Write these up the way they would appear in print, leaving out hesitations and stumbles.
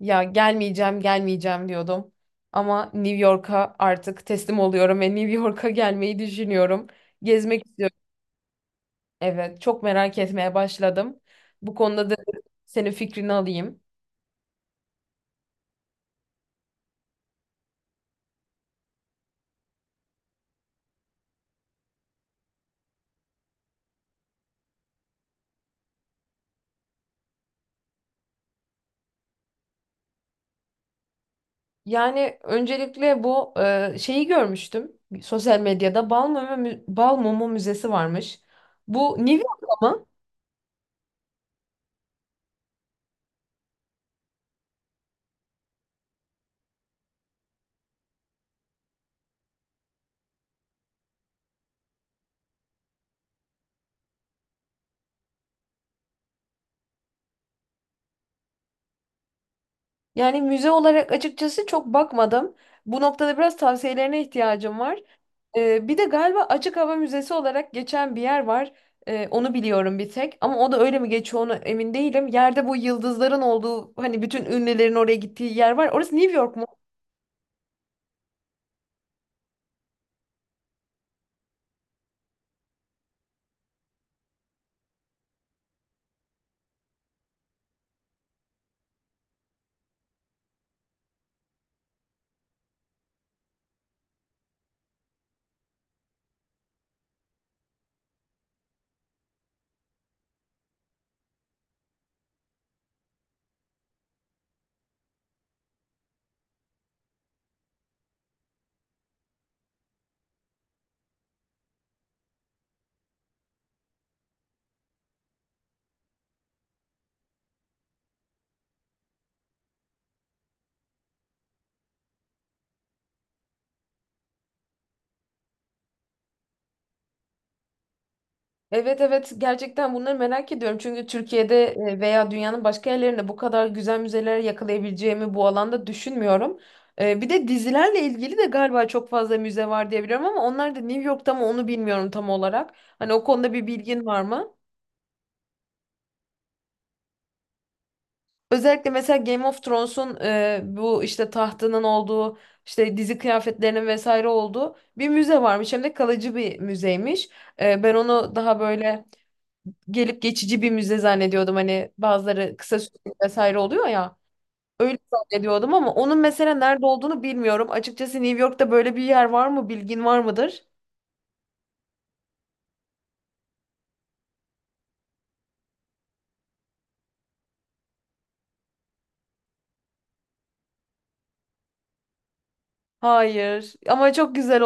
Ya gelmeyeceğim, gelmeyeceğim diyordum. Ama New York'a artık teslim oluyorum ve New York'a gelmeyi düşünüyorum. Gezmek istiyorum. Evet, çok merak etmeye başladım. Bu konuda da senin fikrini alayım. Yani öncelikle bu şeyi görmüştüm. Sosyal medyada Bal Mumu, Bal Mumu Müzesi varmış. Bu New York'ta mı? Yani müze olarak açıkçası çok bakmadım. Bu noktada biraz tavsiyelerine ihtiyacım var. Bir de galiba açık hava müzesi olarak geçen bir yer var. Onu biliyorum bir tek. Ama o da öyle mi geçiyor ona emin değilim. Yerde bu yıldızların olduğu hani bütün ünlülerin oraya gittiği yer var. Orası New York mu? Evet, evet, gerçekten bunları merak ediyorum. Çünkü Türkiye'de veya dünyanın başka yerlerinde bu kadar güzel müzeleri yakalayabileceğimi bu alanda düşünmüyorum. E, bir de dizilerle ilgili de galiba çok fazla müze var diye biliyorum ama onlar da New York'ta mı onu bilmiyorum tam olarak. Hani o konuda bir bilgin var mı? Özellikle mesela Game of Thrones'un bu işte tahtının olduğu, işte dizi kıyafetlerinin vesaire olduğu bir müze varmış. Hem de kalıcı bir müzeymiş. E, ben onu daha böyle gelip geçici bir müze zannediyordum. Hani bazıları kısa süreli vesaire oluyor ya. Öyle zannediyordum ama onun mesela nerede olduğunu bilmiyorum. Açıkçası New York'ta böyle bir yer var mı? Bilgin var mıdır? Hayır. Ama çok güzel.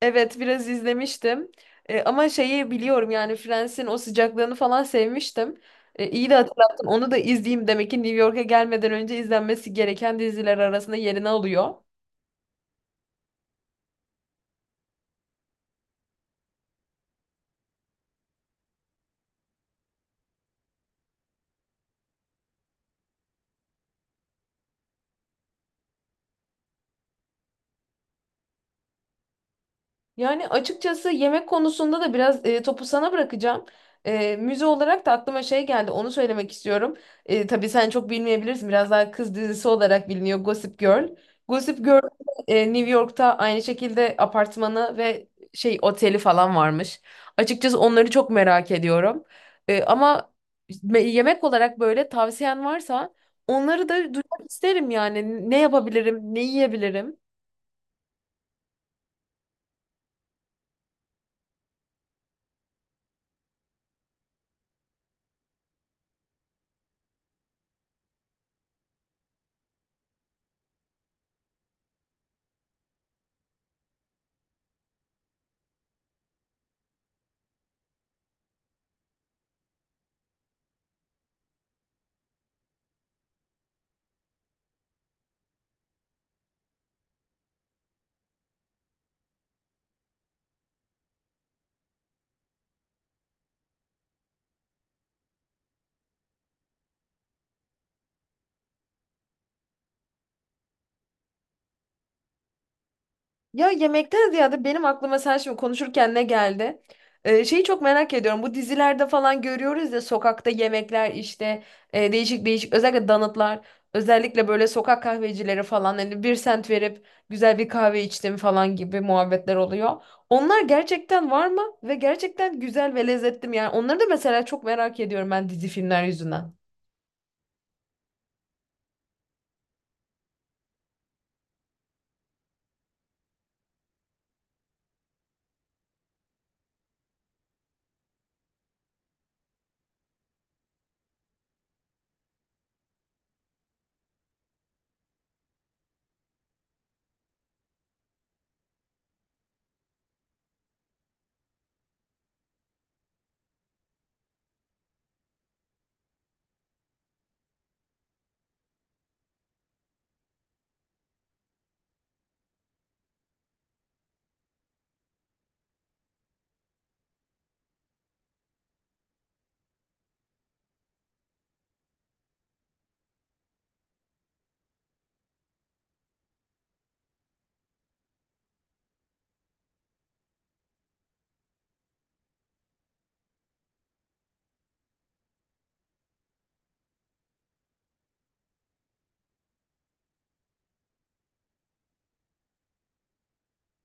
Evet, biraz izlemiştim. E, ama şeyi biliyorum yani Friends'in o sıcaklığını falan sevmiştim. E, iyi de hatırlattın. Onu da izleyeyim. Demek ki New York'a gelmeden önce izlenmesi gereken diziler arasında yerini alıyor. Yani açıkçası yemek konusunda da biraz topu sana bırakacağım. E, müze olarak da aklıma şey geldi, onu söylemek istiyorum. E, tabii sen çok bilmeyebilirsin, biraz daha kız dizisi olarak biliniyor Gossip Girl. Gossip Girl New York'ta aynı şekilde apartmanı ve şey oteli falan varmış. Açıkçası onları çok merak ediyorum. E, ama yemek olarak böyle tavsiyen varsa onları da duymak isterim yani. Ne yapabilirim, ne yiyebilirim? Ya yemekten ziyade benim aklıma sen şimdi konuşurken ne geldi? Şeyi çok merak ediyorum. Bu dizilerde falan görüyoruz ya sokakta yemekler, işte değişik değişik, özellikle donutlar, özellikle böyle sokak kahvecileri falan, hani bir sent verip güzel bir kahve içtim falan gibi muhabbetler oluyor. Onlar gerçekten var mı? Ve gerçekten güzel ve lezzetli mi? Yani onları da mesela çok merak ediyorum ben dizi filmler yüzünden.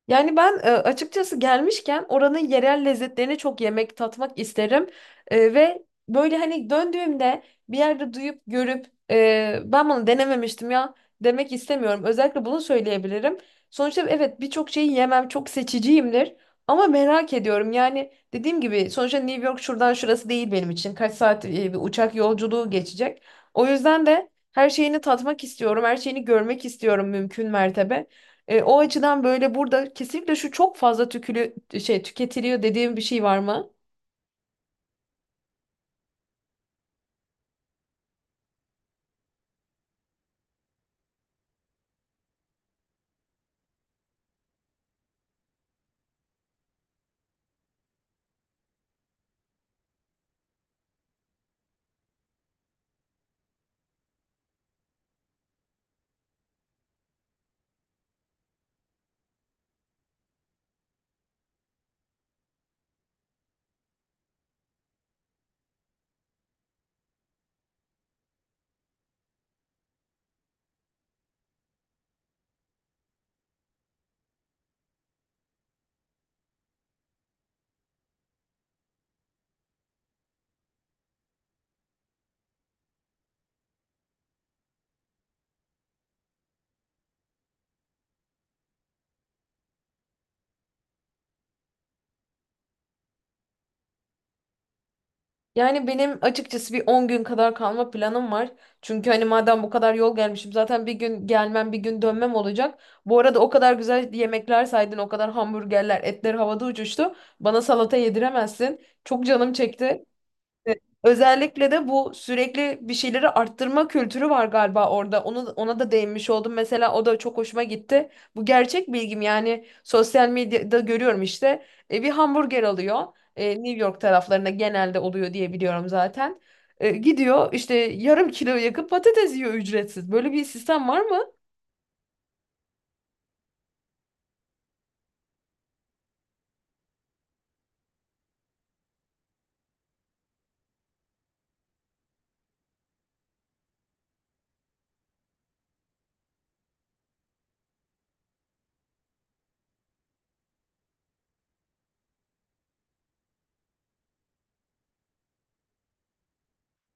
Yani ben açıkçası gelmişken oranın yerel lezzetlerini çok yemek, tatmak isterim. E, ve böyle hani döndüğümde bir yerde duyup görüp ben bunu denememiştim ya demek istemiyorum. Özellikle bunu söyleyebilirim. Sonuçta evet, birçok şeyi yemem, çok seçiciyimdir. Ama merak ediyorum yani dediğim gibi sonuçta New York şuradan şurası değil benim için. Kaç saat bir uçak yolculuğu geçecek. O yüzden de her şeyini tatmak istiyorum, her şeyini görmek istiyorum mümkün mertebe. E, o açıdan böyle burada kesinlikle şu çok fazla tükülü şey tüketiliyor dediğim bir şey var mı? Yani benim açıkçası bir 10 gün kadar kalma planım var. Çünkü hani madem bu kadar yol gelmişim zaten bir gün gelmem bir gün dönmem olacak. Bu arada o kadar güzel yemekler saydın, o kadar hamburgerler, etler havada uçuştu. Bana salata yediremezsin. Çok canım çekti. Evet. Özellikle de bu sürekli bir şeyleri arttırma kültürü var galiba orada. Onu, ona da değinmiş oldum. Mesela o da çok hoşuma gitti. Bu gerçek bilgim, yani sosyal medyada görüyorum işte. E, bir hamburger alıyor. E, New York taraflarında genelde oluyor diye biliyorum zaten. E, gidiyor işte yarım kilo yakın patates yiyor ücretsiz. Böyle bir sistem var mı?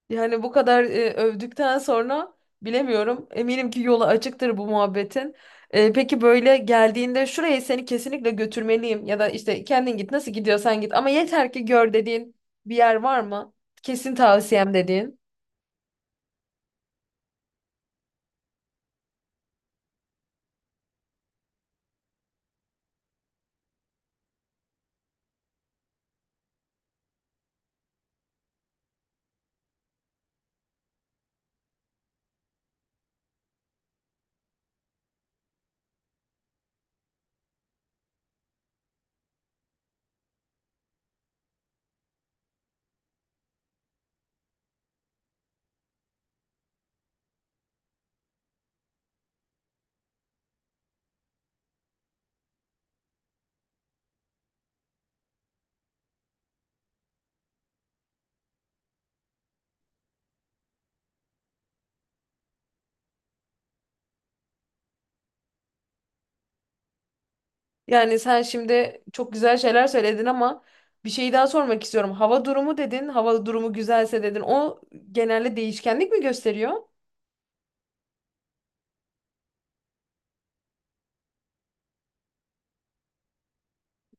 Yani bu kadar övdükten sonra bilemiyorum. Eminim ki yolu açıktır bu muhabbetin. E, peki böyle geldiğinde şuraya seni kesinlikle götürmeliyim ya da işte kendin git nasıl gidiyorsan git ama yeter ki gör dediğin bir yer var mı? Kesin tavsiyem dediğin. Yani sen şimdi çok güzel şeyler söyledin ama bir şey daha sormak istiyorum. Hava durumu dedin, hava durumu güzelse dedin. O genelde değişkenlik mi gösteriyor?